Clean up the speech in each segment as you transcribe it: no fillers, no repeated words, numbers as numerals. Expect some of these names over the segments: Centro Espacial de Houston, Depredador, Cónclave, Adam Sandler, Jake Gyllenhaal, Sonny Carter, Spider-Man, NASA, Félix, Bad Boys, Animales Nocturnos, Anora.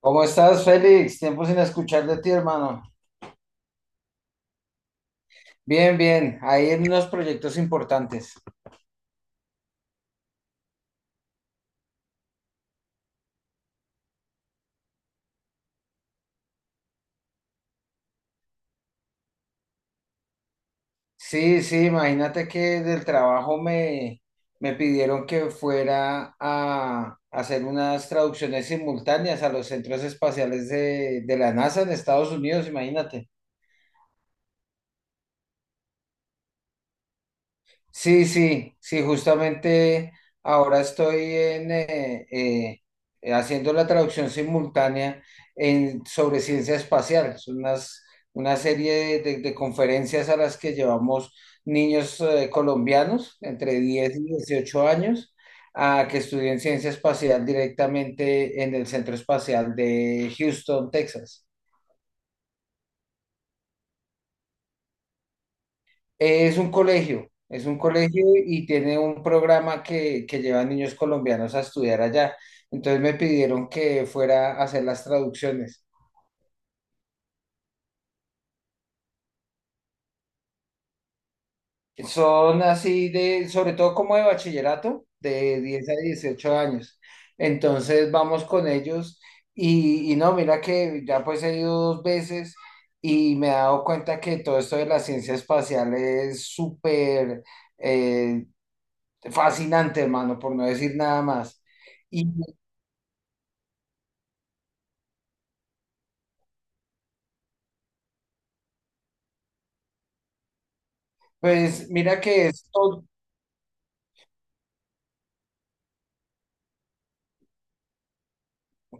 ¿Cómo estás, Félix? Tiempo sin escuchar de ti, hermano. Bien, bien, ahí en unos proyectos importantes. Sí, sí, imagínate que del trabajo me pidieron que fuera a hacer unas traducciones simultáneas a los centros espaciales de la NASA en Estados Unidos, imagínate. Sí, sí, sí, justamente ahora estoy haciendo la traducción simultánea sobre ciencia espacial. Es una serie de conferencias a las que llevamos niños colombianos entre 10 y 18 años a que estudien ciencia espacial directamente en el Centro Espacial de Houston, Texas. Es un colegio y tiene un programa que lleva a niños colombianos a estudiar allá. Entonces me pidieron que fuera a hacer las traducciones. Son así de, sobre todo como de bachillerato, de 10 a 18 años. Entonces vamos con ellos y no, mira que ya pues he ido dos veces y me he dado cuenta que todo esto de la ciencia espacial es súper eh, fascinante, hermano, por no decir nada más. Y Pues mira que es todo,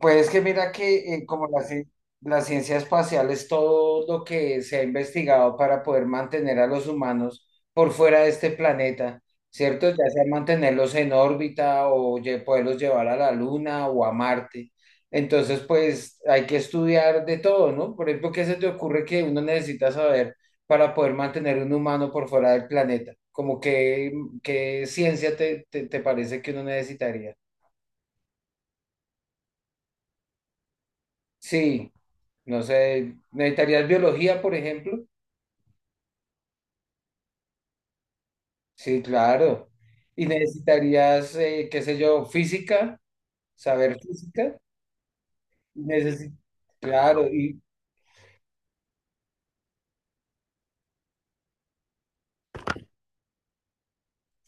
pues que mira que como la ciencia espacial es todo lo que se ha investigado para poder mantener a los humanos por fuera de este planeta, ¿cierto? Ya sea mantenerlos en órbita o poderlos llevar a la Luna o a Marte. Entonces, pues hay que estudiar de todo, ¿no? Por ejemplo, ¿qué se te ocurre que uno necesita saber para poder mantener un humano por fuera del planeta? Como que, ¿qué ciencia te parece que uno necesitaría? Sí, no sé, necesitarías biología, por ejemplo. Sí, claro. Y necesitarías, qué sé yo, física, saber física. Necesi- claro,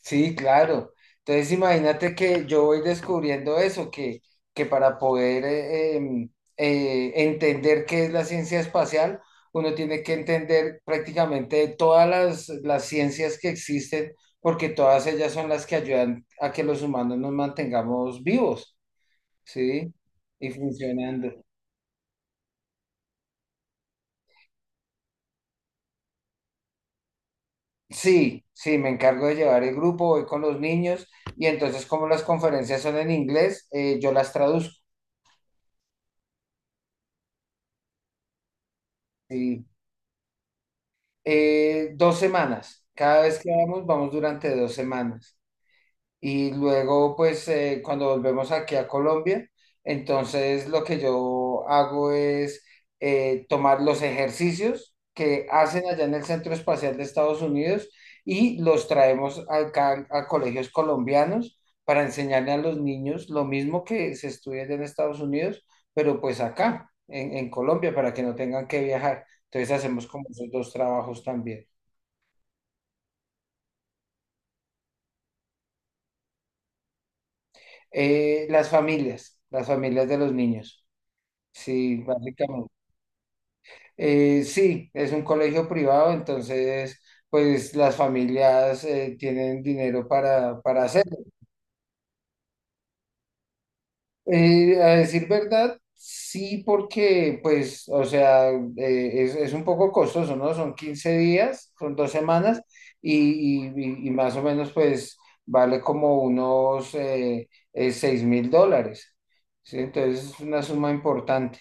sí, claro. Entonces imagínate que yo voy descubriendo eso, que para poder entender qué es la ciencia espacial, uno tiene que entender prácticamente todas las ciencias que existen, porque todas ellas son las que ayudan a que los humanos nos mantengamos vivos, ¿sí? Y funcionando. Sí, sí, me encargo de llevar el grupo, voy con los niños y entonces como las conferencias son en inglés, yo las traduzco. Sí. 2 semanas. Cada vez que vamos, vamos durante 2 semanas. Y luego, pues, cuando volvemos aquí a Colombia, entonces lo que yo hago es tomar los ejercicios que hacen allá en el Centro Espacial de Estados Unidos y los traemos acá a colegios colombianos para enseñarle a los niños lo mismo que se estudia allá en Estados Unidos, pero pues acá, en Colombia, para que no tengan que viajar. Entonces hacemos como esos dos trabajos también. Las familias de los niños, sí, básicamente. Sí, es un colegio privado, entonces, pues las familias tienen dinero para hacerlo. A decir verdad, sí, porque, pues, o sea, es un poco costoso, ¿no? Son 15 días, son 2 semanas, y más o menos, pues, vale como unos 6 mil dólares, ¿sí? Entonces, es una suma importante.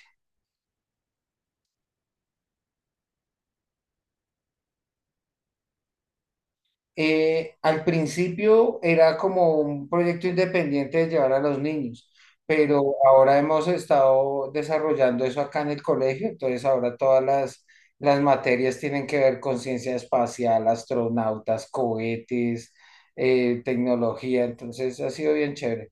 Al principio era como un proyecto independiente de llevar a los niños, pero ahora hemos estado desarrollando eso acá en el colegio, entonces ahora todas las materias tienen que ver con ciencia espacial, astronautas, cohetes, tecnología, entonces ha sido bien chévere.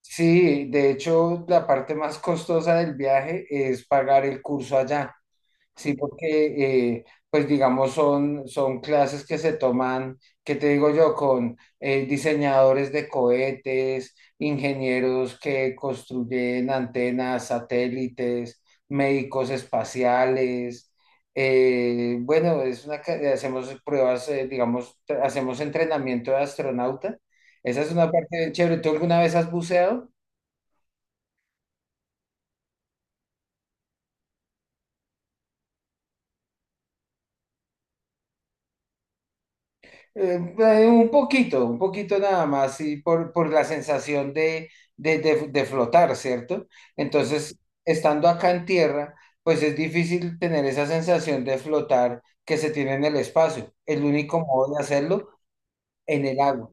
Sí, de hecho, la parte más costosa del viaje es pagar el curso allá. Sí, porque, pues digamos, son clases que se toman, ¿qué te digo yo? Con diseñadores de cohetes, ingenieros que construyen antenas, satélites, médicos espaciales. Bueno, hacemos pruebas, digamos, hacemos entrenamiento de astronauta. Esa es una parte bien chévere. ¿Tú alguna vez has buceado? Un poquito, un poquito nada más, y por la sensación de flotar, ¿cierto? Entonces, estando acá en tierra, pues es difícil tener esa sensación de flotar que se tiene en el espacio. El único modo de hacerlo en el agua.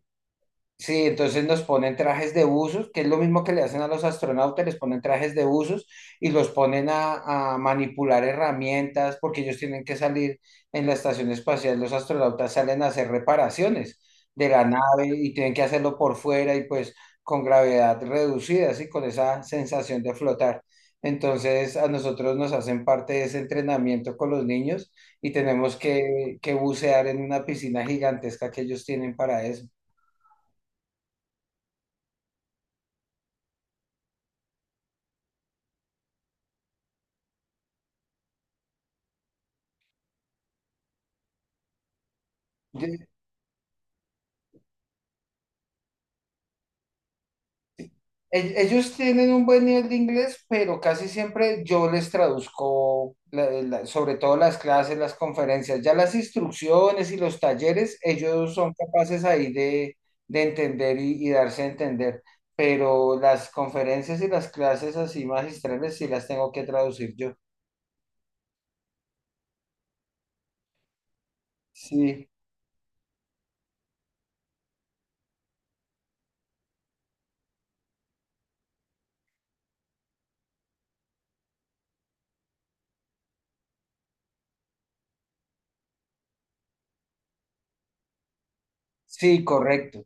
Sí, entonces nos ponen trajes de buzos, que es lo mismo que le hacen a los astronautas, les ponen trajes de buzos y los ponen a manipular herramientas porque ellos tienen que salir en la estación espacial, los astronautas salen a hacer reparaciones de la nave y tienen que hacerlo por fuera y pues con gravedad reducida, así con esa sensación de flotar. Entonces a nosotros nos hacen parte de ese entrenamiento con los niños y tenemos que bucear en una piscina gigantesca que ellos tienen para eso. Ellos tienen un buen nivel de inglés, pero casi siempre yo les traduzco, sobre todo las clases, las conferencias, ya las instrucciones y los talleres, ellos son capaces ahí de entender y darse a entender, pero las conferencias y las clases así magistrales sí las tengo que traducir yo. Sí, sí, correcto.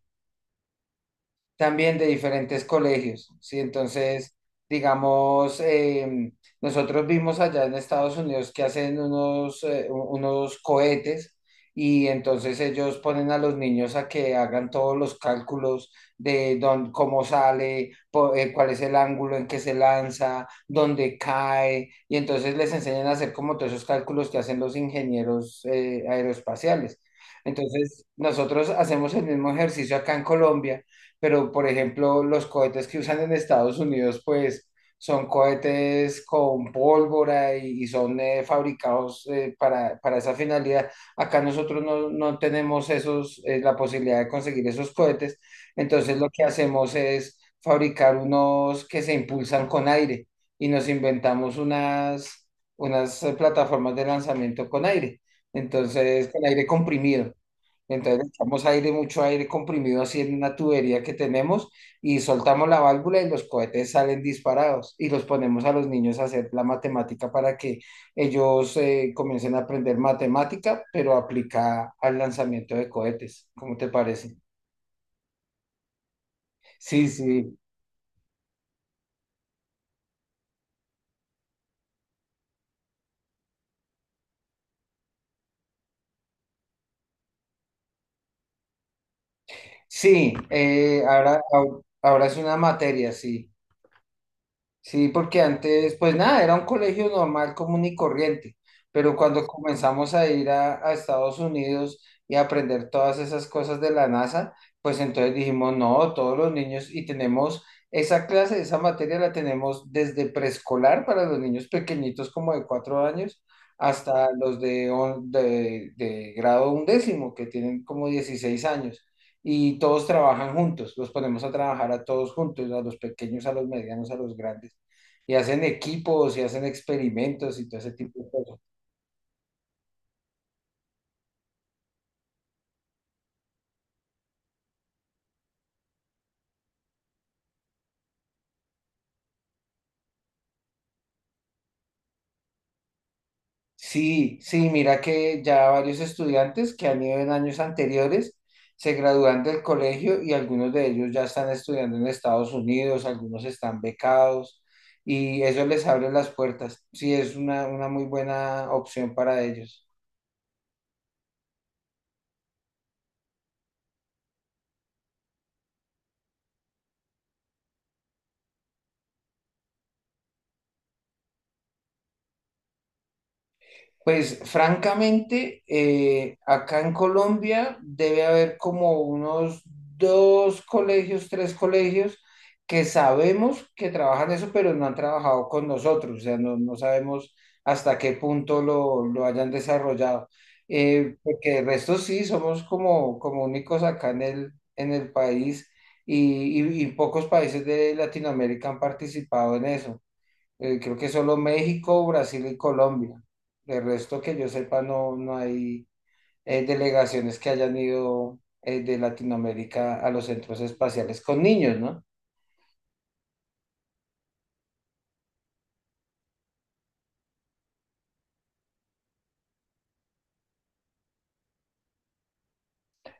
También de diferentes colegios, ¿sí? Entonces, digamos, nosotros vimos allá en Estados Unidos que hacen unos cohetes y entonces ellos ponen a los niños a que hagan todos los cálculos de dónde, cómo sale, cuál es el ángulo en que se lanza, dónde cae, y entonces les enseñan a hacer como todos esos cálculos que hacen los ingenieros aeroespaciales. Entonces, nosotros hacemos el mismo ejercicio acá en Colombia pero por ejemplo, los cohetes que usan en Estados Unidos, pues son cohetes con pólvora y son fabricados para esa finalidad. Acá nosotros no tenemos esos, la posibilidad de conseguir esos cohetes, entonces lo que hacemos es fabricar unos que se impulsan con aire y nos inventamos unas, plataformas de lanzamiento con aire, entonces con aire comprimido. Entonces echamos aire, mucho aire comprimido así en una tubería que tenemos y soltamos la válvula y los cohetes salen disparados y los ponemos a los niños a hacer la matemática para que ellos comiencen a aprender matemática, pero aplicada al lanzamiento de cohetes. ¿Cómo te parece? Sí, sí, sí, Ahora es una materia, sí. Sí, porque antes, pues nada, era un colegio normal, común y corriente, pero cuando comenzamos a ir a Estados Unidos y a aprender todas esas cosas de la NASA, pues entonces dijimos, no, todos los niños y tenemos esa clase, esa materia la tenemos desde preescolar para los niños pequeñitos como de 4 años hasta los de grado undécimo, que tienen como 16 años y todos trabajan juntos, los ponemos a trabajar a todos juntos, a los pequeños, a los medianos, a los grandes, y hacen equipos y hacen experimentos y todo ese tipo de cosas. Sí, sí, mira que ya varios estudiantes que han ido en años anteriores se gradúan del colegio y algunos de ellos ya están estudiando en Estados Unidos, algunos están becados y eso les abre las puertas. Sí, es una muy buena opción para ellos. Pues francamente, acá en Colombia debe haber como unos dos colegios, tres colegios que sabemos que trabajan eso, pero no han trabajado con nosotros, o sea, no sabemos hasta qué punto lo hayan desarrollado. Porque el resto sí, somos como únicos acá en el país y pocos países de Latinoamérica han participado en eso. Creo que solo México, Brasil y Colombia. De resto que yo sepa, no hay delegaciones que hayan ido de Latinoamérica a los centros espaciales con niños, ¿no?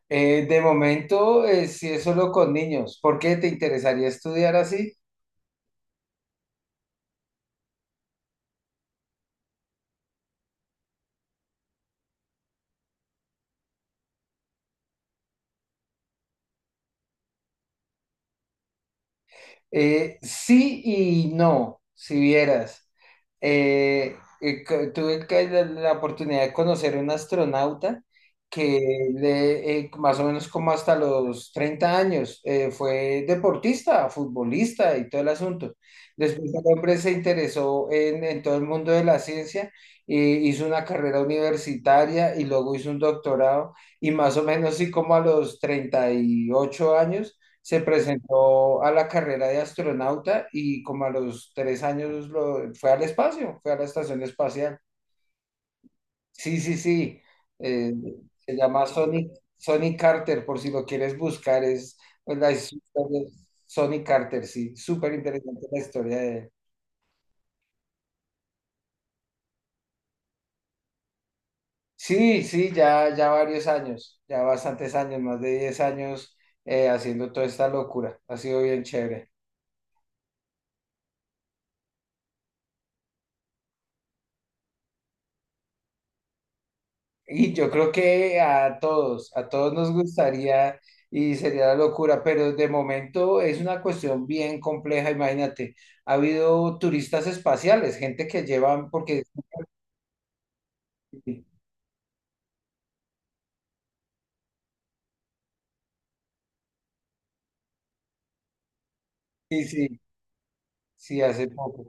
De momento, sí es solo con niños. ¿Por qué te interesaría estudiar así? Sí y no, si vieras. La oportunidad de conocer a un astronauta que más o menos como hasta los 30 años fue deportista, futbolista y todo el asunto. Después el hombre se interesó en todo el mundo de la ciencia, hizo una carrera universitaria y luego hizo un doctorado y más o menos sí como a los 38 años se presentó a la carrera de astronauta y como a los 3 años fue al espacio, fue a la estación espacial. Sí, sí, sí, eh, se llama Sonny, Sonny Carter, por si lo quieres buscar, es pues, la historia de Sonny Carter, sí, súper interesante la historia de él. Sí, sí, ya varios años, ya bastantes años, más de 10 años haciendo toda esta locura, ha sido bien chévere. Y yo creo que a todos nos gustaría y sería la locura, pero de momento es una cuestión bien compleja, imagínate. Ha habido turistas espaciales, gente que llevan, porque sí, sí, sí, sí, hace poco.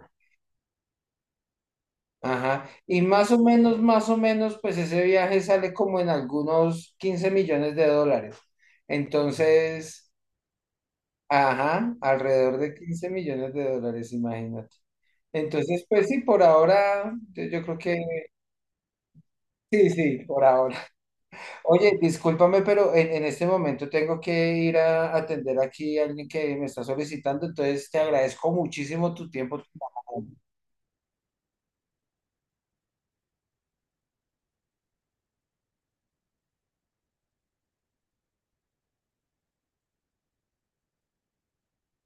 Ajá. Y más o menos, pues ese viaje sale como en algunos $15 millones. Entonces, ajá, alrededor de $15 millones, imagínate. Entonces, pues sí, por ahora yo creo que, sí, sí, por ahora. Oye, discúlpame, pero en este momento tengo que ir a atender aquí a alguien que me está solicitando, entonces te agradezco muchísimo tu tiempo. Tu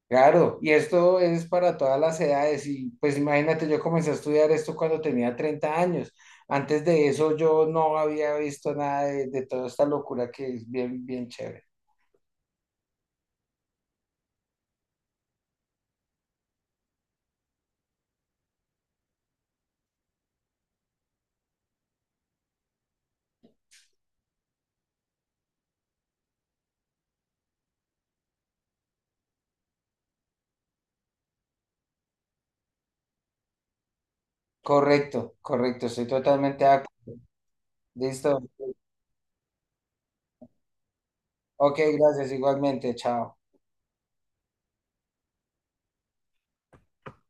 Claro, y esto es para todas las edades y pues imagínate, yo comencé a estudiar esto cuando tenía 30 años. Antes de eso yo no había visto nada de toda esta locura que es bien, bien chévere. Correcto, correcto, estoy totalmente de acuerdo. Listo. Ok, gracias, igualmente, chao.